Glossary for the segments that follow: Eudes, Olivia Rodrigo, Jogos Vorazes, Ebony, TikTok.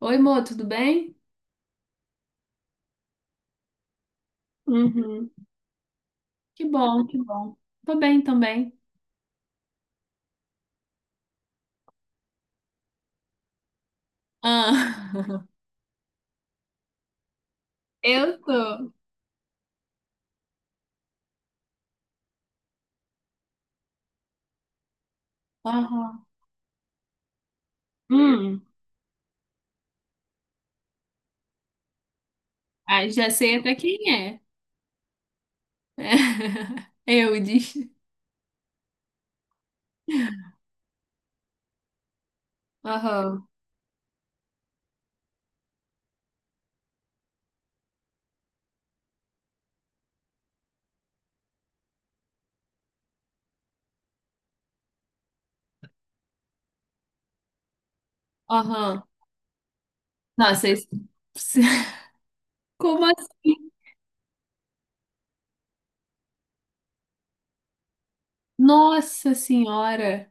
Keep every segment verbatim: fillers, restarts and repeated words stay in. Oi, Mo, tudo bem? Uhum. Que bom, que bom. Tô bem também. Ah, eu tô. Aham. Hum. Ah, já sei até quem é. Eudes. Aham, aham. Nossa, esse... como assim? Nossa Senhora!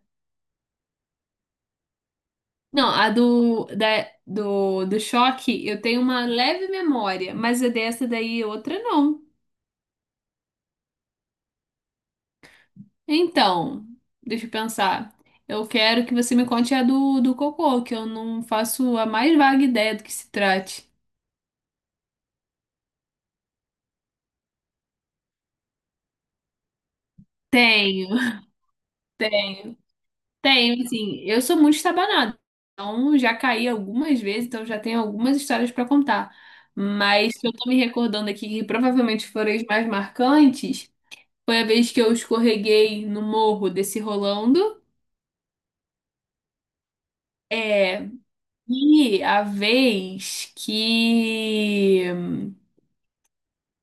Não, a do, da, do, do choque, eu tenho uma leve memória, mas a dessa daí, outra não. Então, deixa eu pensar. Eu quero que você me conte a do, do cocô, que eu não faço a mais vaga ideia do que se trate. Tenho, tenho, tenho, assim. Eu sou muito estabanada, então já caí algumas vezes, então já tenho algumas histórias para contar. Mas se eu tô me recordando aqui, que provavelmente foram as mais marcantes, foi a vez que eu escorreguei no morro desse rolando. É, e a vez que.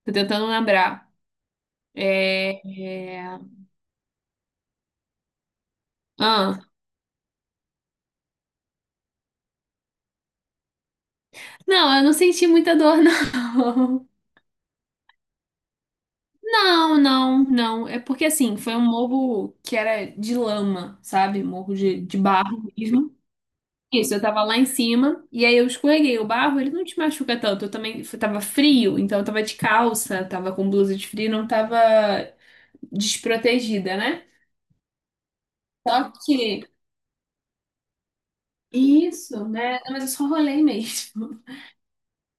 Tô tentando lembrar. É, é, ah, não, eu não senti muita dor, não. Não, não, não. É porque assim, foi um morro que era de lama, sabe? Morro de, de barro mesmo. Isso, eu tava lá em cima e aí eu escorreguei o barro, ele não te machuca tanto. Eu também f- tava frio, então eu tava de calça, tava com blusa de frio, não tava desprotegida, né? Só que isso, né? Mas eu só rolei mesmo.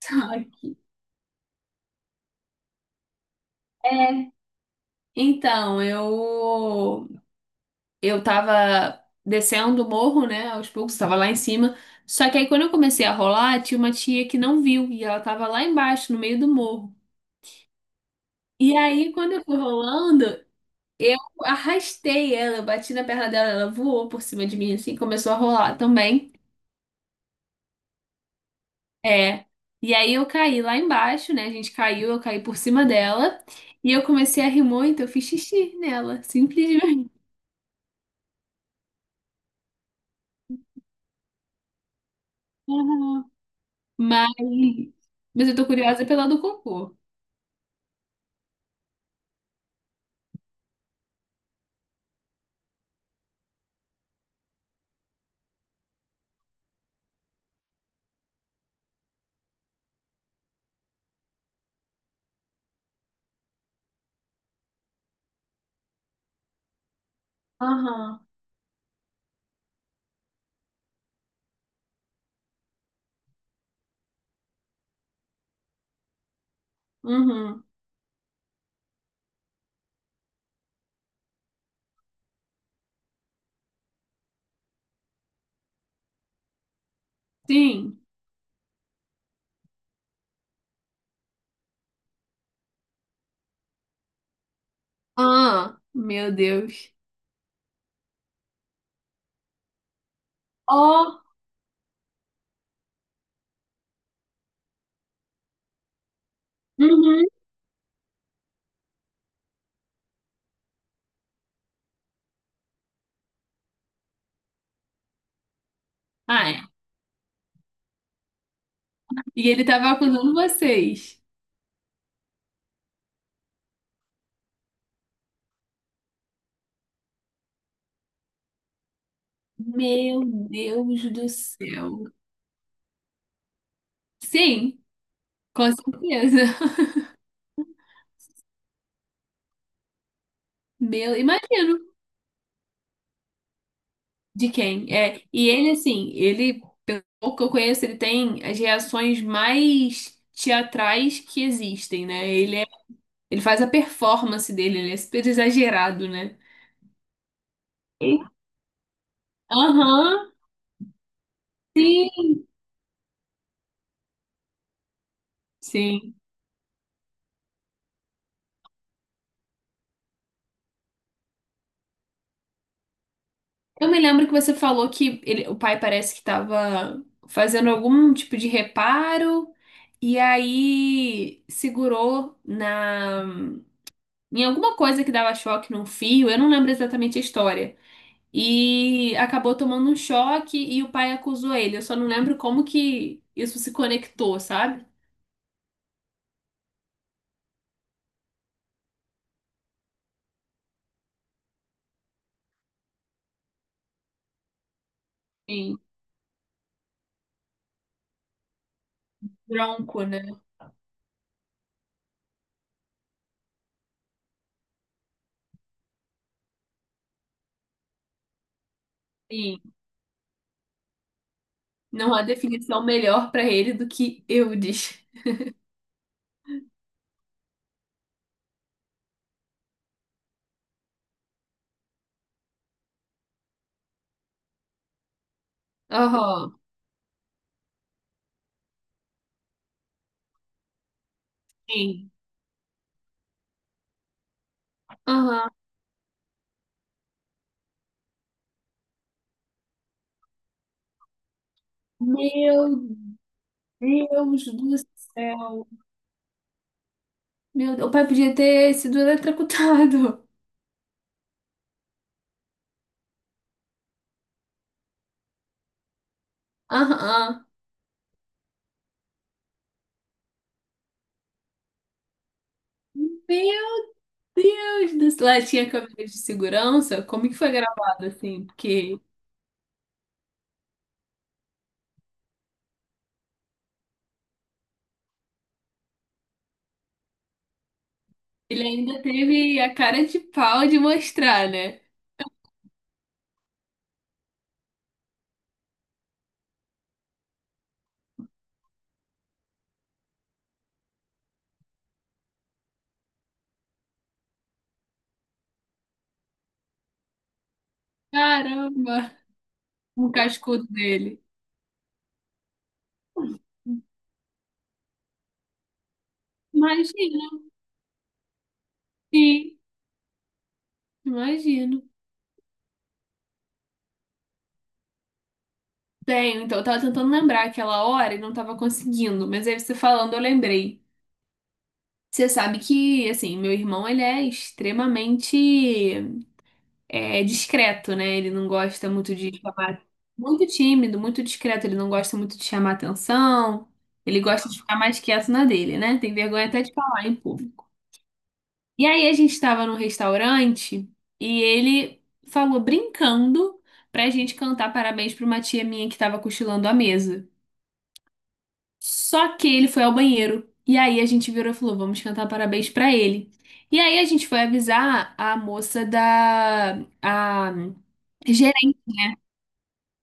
Só que é, então, eu eu tava descendo o morro, né, aos poucos, tava lá em cima. Só que aí quando eu comecei a rolar, tinha uma tia que não viu e ela tava lá embaixo, no meio do morro. E aí quando eu fui rolando, eu arrastei ela, eu bati na perna dela, ela voou por cima de mim assim, começou a rolar também. É. E aí eu caí lá embaixo, né? A gente caiu, eu caí por cima dela e eu comecei a rir muito, eu fiz xixi nela, simplesmente. Aham. Mas, mas eu tô curiosa pela do cocô. Aham. Uhum. Sim. Ah, meu Deus. Ó, uhum. Ah, é. E ele tava acusando vocês. Meu Deus do céu. Sim, com certeza. Meu, imagino de quem. É, e ele assim, ele, pelo pouco que eu conheço, ele tem as reações mais teatrais que existem, né? Ele é, ele faz a performance dele, ele é super exagerado, né? E- Aham, sim, sim. Eu me lembro que você falou que ele- o pai parece que estava fazendo algum tipo de reparo e aí segurou na em alguma coisa que dava choque num fio, eu não lembro exatamente a história. E acabou tomando um choque e o pai acusou ele. Eu só não lembro como que isso se conectou, sabe? Sim, bronco, né? Sim. Não há definição melhor para ele do que eu Eudes. Aham. Sim. Aham. Meu Deus do céu. Meu Deus, o pai podia ter sido eletrocutado. Aham. Meu Deus do céu. Lá tinha câmera de segurança? Como que foi gravado assim? Porque ele ainda teve a cara de pau de mostrar, né? Caramba, um cascudo dele. Imagino, sim, imagino. Tenho, então eu tava tentando lembrar aquela hora e não tava conseguindo, mas aí você falando eu lembrei. Você sabe que, assim, meu irmão ele é extremamente é discreto, né? Ele não gosta muito de chamar. Muito tímido, muito discreto. Ele não gosta muito de chamar atenção. Ele gosta de ficar mais quieto na dele, né? Tem vergonha até de falar em público. E aí a gente estava num restaurante e ele falou brincando pra gente cantar parabéns pra uma tia minha que tava cochilando à mesa. Só que ele foi ao banheiro. E aí a gente virou e falou: vamos cantar parabéns pra ele. E aí a gente foi avisar a moça da a gerente.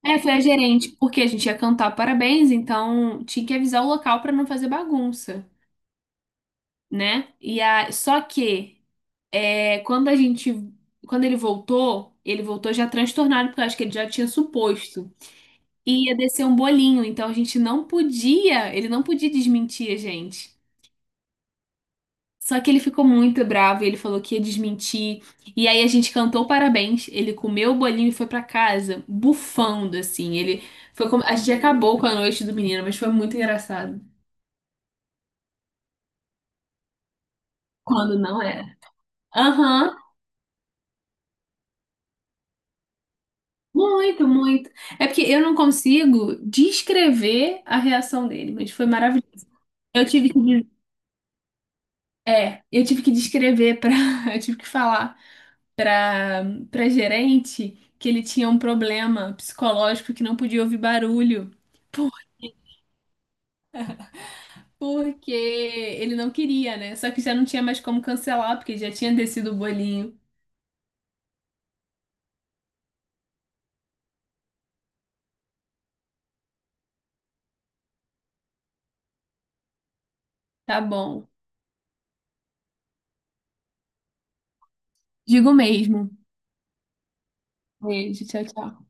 É, foi a gerente, porque a gente ia cantar parabéns, então tinha que avisar o local pra não fazer bagunça, né? E a... Só que é, quando a gente. Quando ele voltou, ele voltou já transtornado, porque eu acho que ele já tinha suposto. E ia descer um bolinho, então a gente não podia, ele não podia desmentir a gente. Só que ele ficou muito bravo e ele falou que ia desmentir. E aí a gente cantou parabéns. Ele comeu o bolinho e foi pra casa, bufando assim. Ele foi como... A gente acabou com a noite do menino, mas foi muito engraçado. Quando não era. Aham, muito, muito. É porque eu não consigo descrever a reação dele, mas foi maravilhoso. Eu tive que, é, eu tive que descrever para, eu tive que falar para para gerente que ele tinha um problema psicológico que não podia ouvir barulho. Porque ele não queria, né? Só que já não tinha mais como cancelar, porque já tinha descido o bolinho. Tá bom. Digo mesmo. Beijo, tchau, tchau.